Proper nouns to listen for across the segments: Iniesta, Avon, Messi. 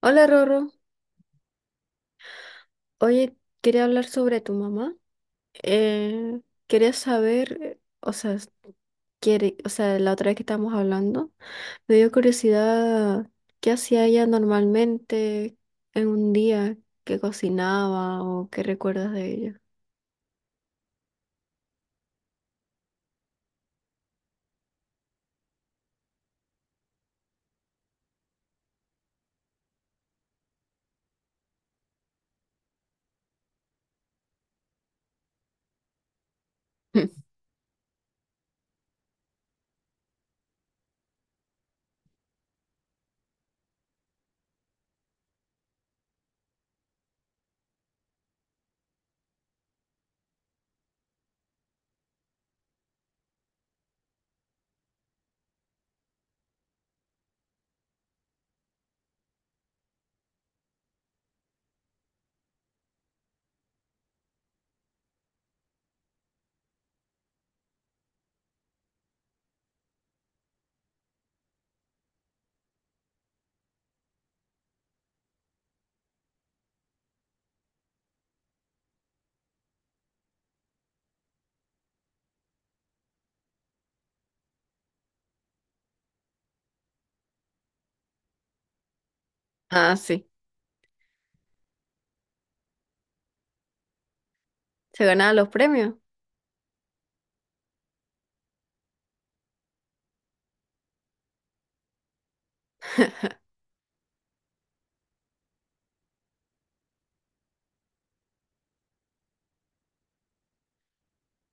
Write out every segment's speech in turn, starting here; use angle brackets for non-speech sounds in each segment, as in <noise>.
Hola Rorro, oye, quería hablar sobre tu mamá. Eh, quería saber, o sea, s- quiere, o sea, la otra vez que estábamos hablando, me dio curiosidad qué hacía ella normalmente en un día, qué cocinaba o qué recuerdas de ella. <laughs> Ah, sí, se ganaba los premios.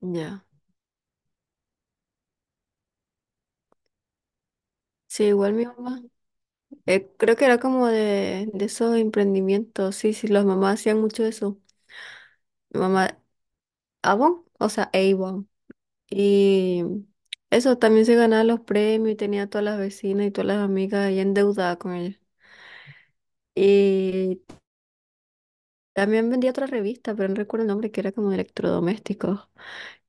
Ya. Sí, igual mi mamá. Creo que era como de esos emprendimientos, sí, sí, las mamás hacían mucho eso. Mi mamá, Avon, o sea, Avon. Y eso, también se ganaba los premios y tenía a todas las vecinas y todas las amigas ahí endeudadas con ella. Y también vendía otra revista, pero no recuerdo el nombre, que era como de electrodomésticos.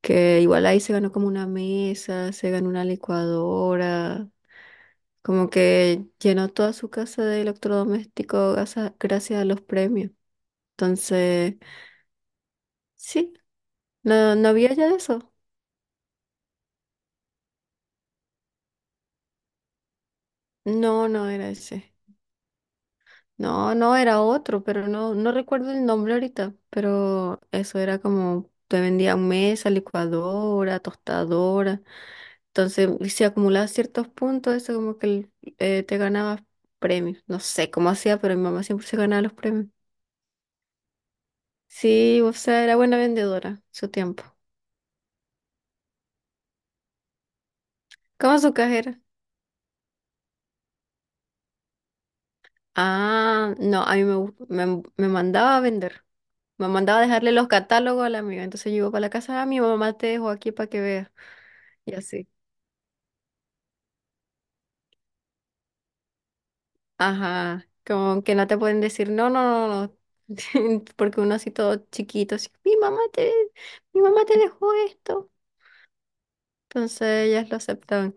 Que igual ahí se ganó como una mesa, se ganó una licuadora. Como que llenó toda su casa de electrodomésticos gasa- gracias a los premios. Entonces, sí, no, no había ya eso. No, no era ese. No, no, era otro, pero no, no recuerdo el nombre ahorita, pero eso era como, te vendía mesa, licuadora, tostadora, entonces si acumulabas ciertos puntos, eso como que el- te ganabas premios, no sé cómo hacía, pero mi mamá siempre se ganaba los premios. Sí, o sea, era buena vendedora, su tiempo. ¿Cómo su cajera? Ah, no, a mí me, gu- me mandaba a vender. Me mandaba a dejarle los catálogos a la amiga. Entonces yo iba para la casa, ah, mi mamá te dejó aquí para que veas. Y así. Ajá, como que no te pueden decir, no, no, no, no, <laughs> porque uno así todo chiquito, así, mi mamá te dejó esto. Entonces ellas lo aceptaban.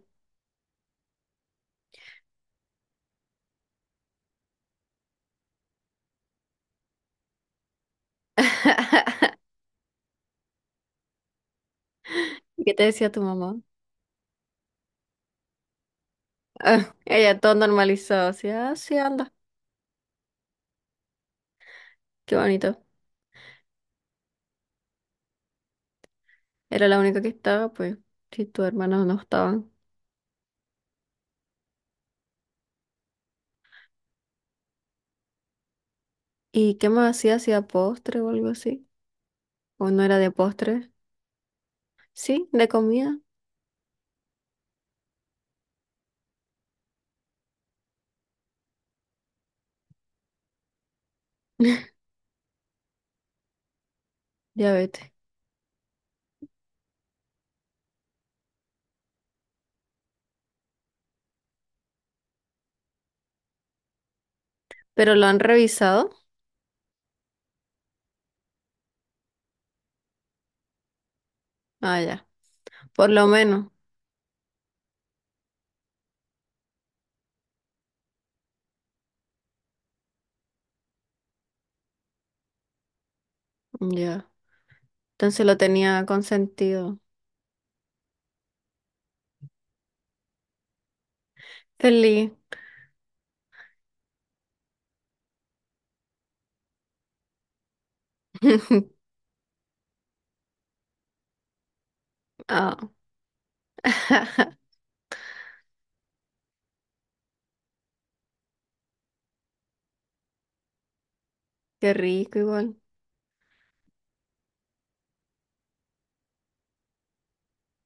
¿Y qué te decía tu mamá? <laughs> Ah, ella todo normalizado, así, ah, sí, anda, qué bonito. Era la única que estaba, pues, si tus hermanos no estaban. ¿Y qué más hacía? ¿Hacía postre o algo así? ¿O no era de postre? Sí, de comida. <laughs> Ya vete. ¿Pero lo han revisado? Ah, ya. Por lo menos. Ya. Entonces lo tenía consentido. Feliz. <laughs> Ah, <laughs> qué rico igual.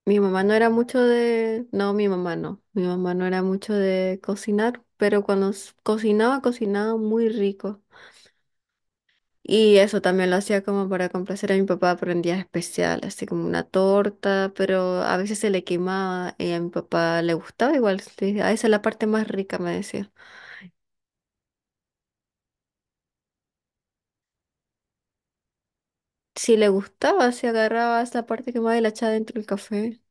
Mi mamá no era mucho de... No, mi mamá no. Mi mamá no era mucho de cocinar, pero cuando s- cocinaba, cocinaba muy rico. Y eso también lo hacía como para complacer a mi papá por en días especiales así como una torta, pero a veces se le quemaba y a mi papá le gustaba igual. Sí, "Ah, esa es la parte más rica", me decía. Si le gustaba, se agarraba esa parte quemada y la echaba dentro del café.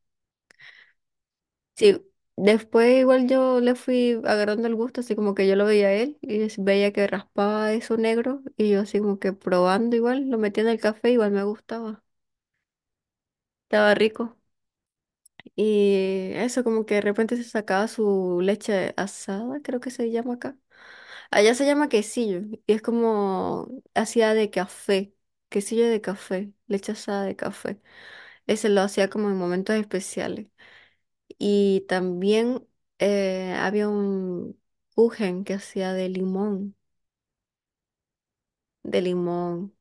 Sí, después igual yo le fui agarrando el gusto, así como que yo lo veía a él y es- veía que raspaba eso negro y yo así como que probando igual, lo metía en el café, igual me gustaba, estaba rico. Y eso como que de repente se sacaba su leche asada, creo que se llama acá. Allá se llama quesillo y es como hacía de café, quesillo de café, leche asada de café. Ese lo hacía como en momentos especiales. Y también había un kuchen que hacía de limón,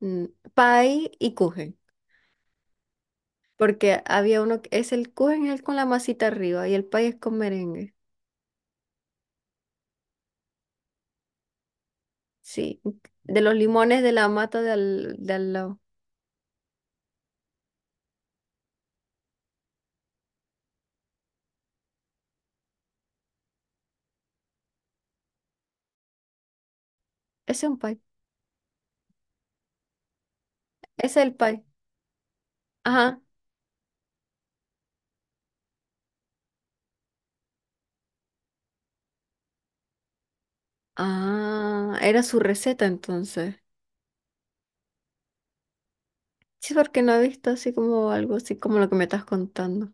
mm, pie y kuchen. Porque había uno, que es el kuchen es el con la masita arriba y el pie es con merengue. Sí, de los limones de la mata de al lado. Ese es un pie, ese es el pie. Ajá. Ah, era su receta entonces. Sí, porque no he visto así como algo así como lo que me estás contando.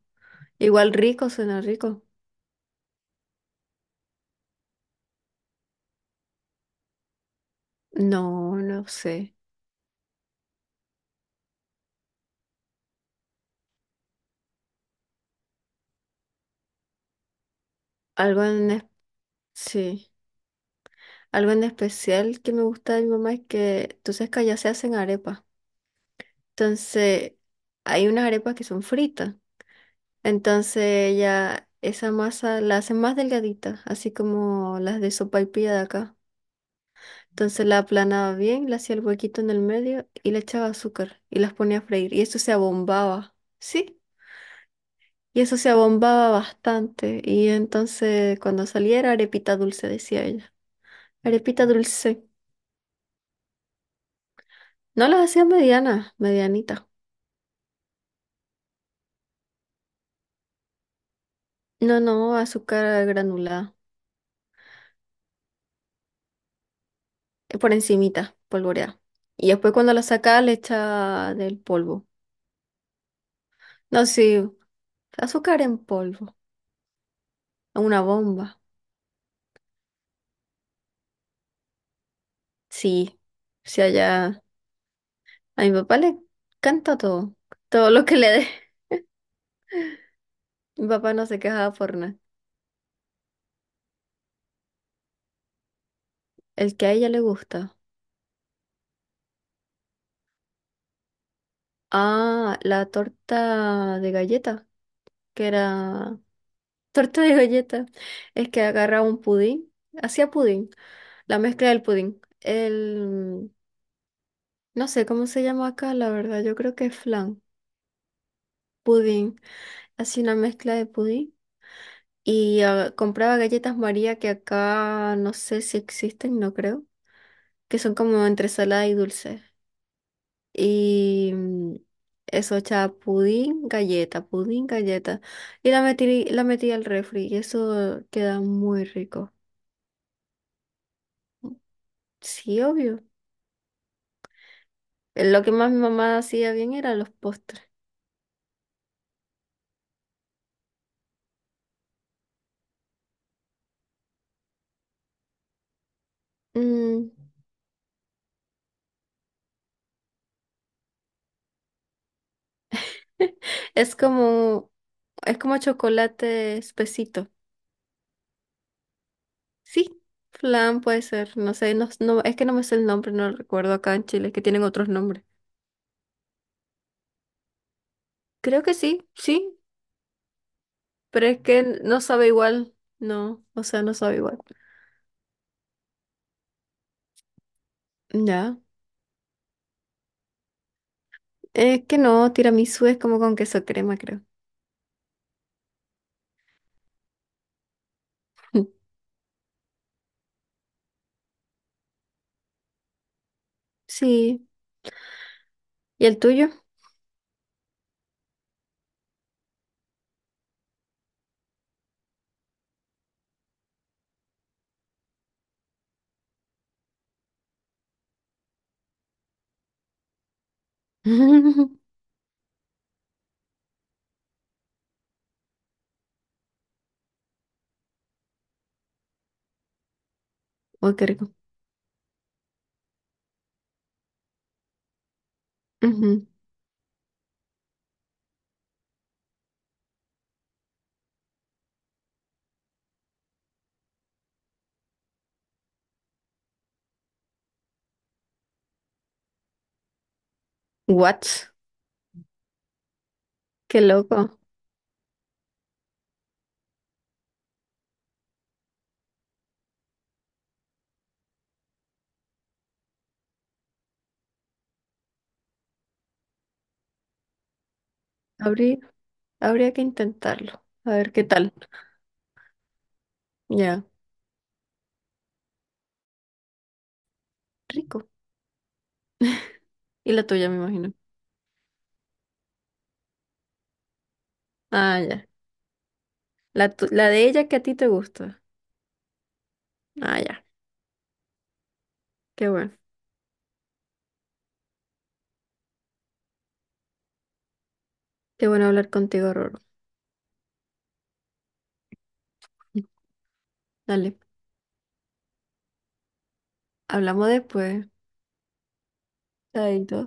Igual rico, suena rico. No, no sé. Algo en sí, algo en especial que me gusta de mi mamá es que, tú sabes que allá se hacen arepas. Entonces, hay unas arepas que son fritas. Entonces, ella esa masa la hace más delgadita, así como las de sopaipilla de acá. Entonces, la aplanaba bien, le hacía el huequito en el medio y le echaba azúcar y las ponía a freír. Y eso se abombaba, ¿sí? Y eso se abombaba bastante. Y entonces, cuando salía era arepita dulce, decía ella. Arepita dulce. No las hacía medianas, medianitas. No, no, azúcar granulada, por encimita, polvoreada. Y después cuando la saca le echa del polvo. No, sí, azúcar en polvo, a una bomba. Sí, si allá a mi papá le canta todo, todo lo que le dé. <laughs> Mi papá no se quejaba por nada. El que a ella le gusta. Ah, la torta de galleta, que era <laughs> torta de galleta. Es que agarraba un pudín, hacía pudín, la mezcla del pudín. El no sé cómo se llama acá, la verdad. Yo creo que es flan, pudín, así una mezcla de pudín. Y ah, compraba galletas María que acá no sé si existen, no creo, que son como entre salada y dulce. Y mm, eso, echaba pudín, galleta, pudín, galleta. Y la metí al refri y eso queda muy rico. Sí, obvio. Lo que más mi mamá hacía bien eran los postres. Mm, <laughs> es como, es como chocolate espesito. Sí, flan puede ser, no sé, no, no- es que no me sé el nombre, no lo recuerdo acá en Chile, es que tienen otros nombres. Creo que sí, sí, pero es que no sabe igual, no, o sea, no sabe igual. Ya, es que no, tiramisú es como con queso crema, creo. <laughs> Sí, ¿y el tuyo? <laughs> Uy, qué rico. Ujú. What? Qué loco. Habría, habría que intentarlo, a ver qué tal. Ya, rico. Y la tuya, me imagino. Ah, ya. La, tu- la de ella que a ti te gusta. Ah, ya. Qué bueno. Qué bueno hablar contigo, Roro. Dale. Hablamos después. Chaito.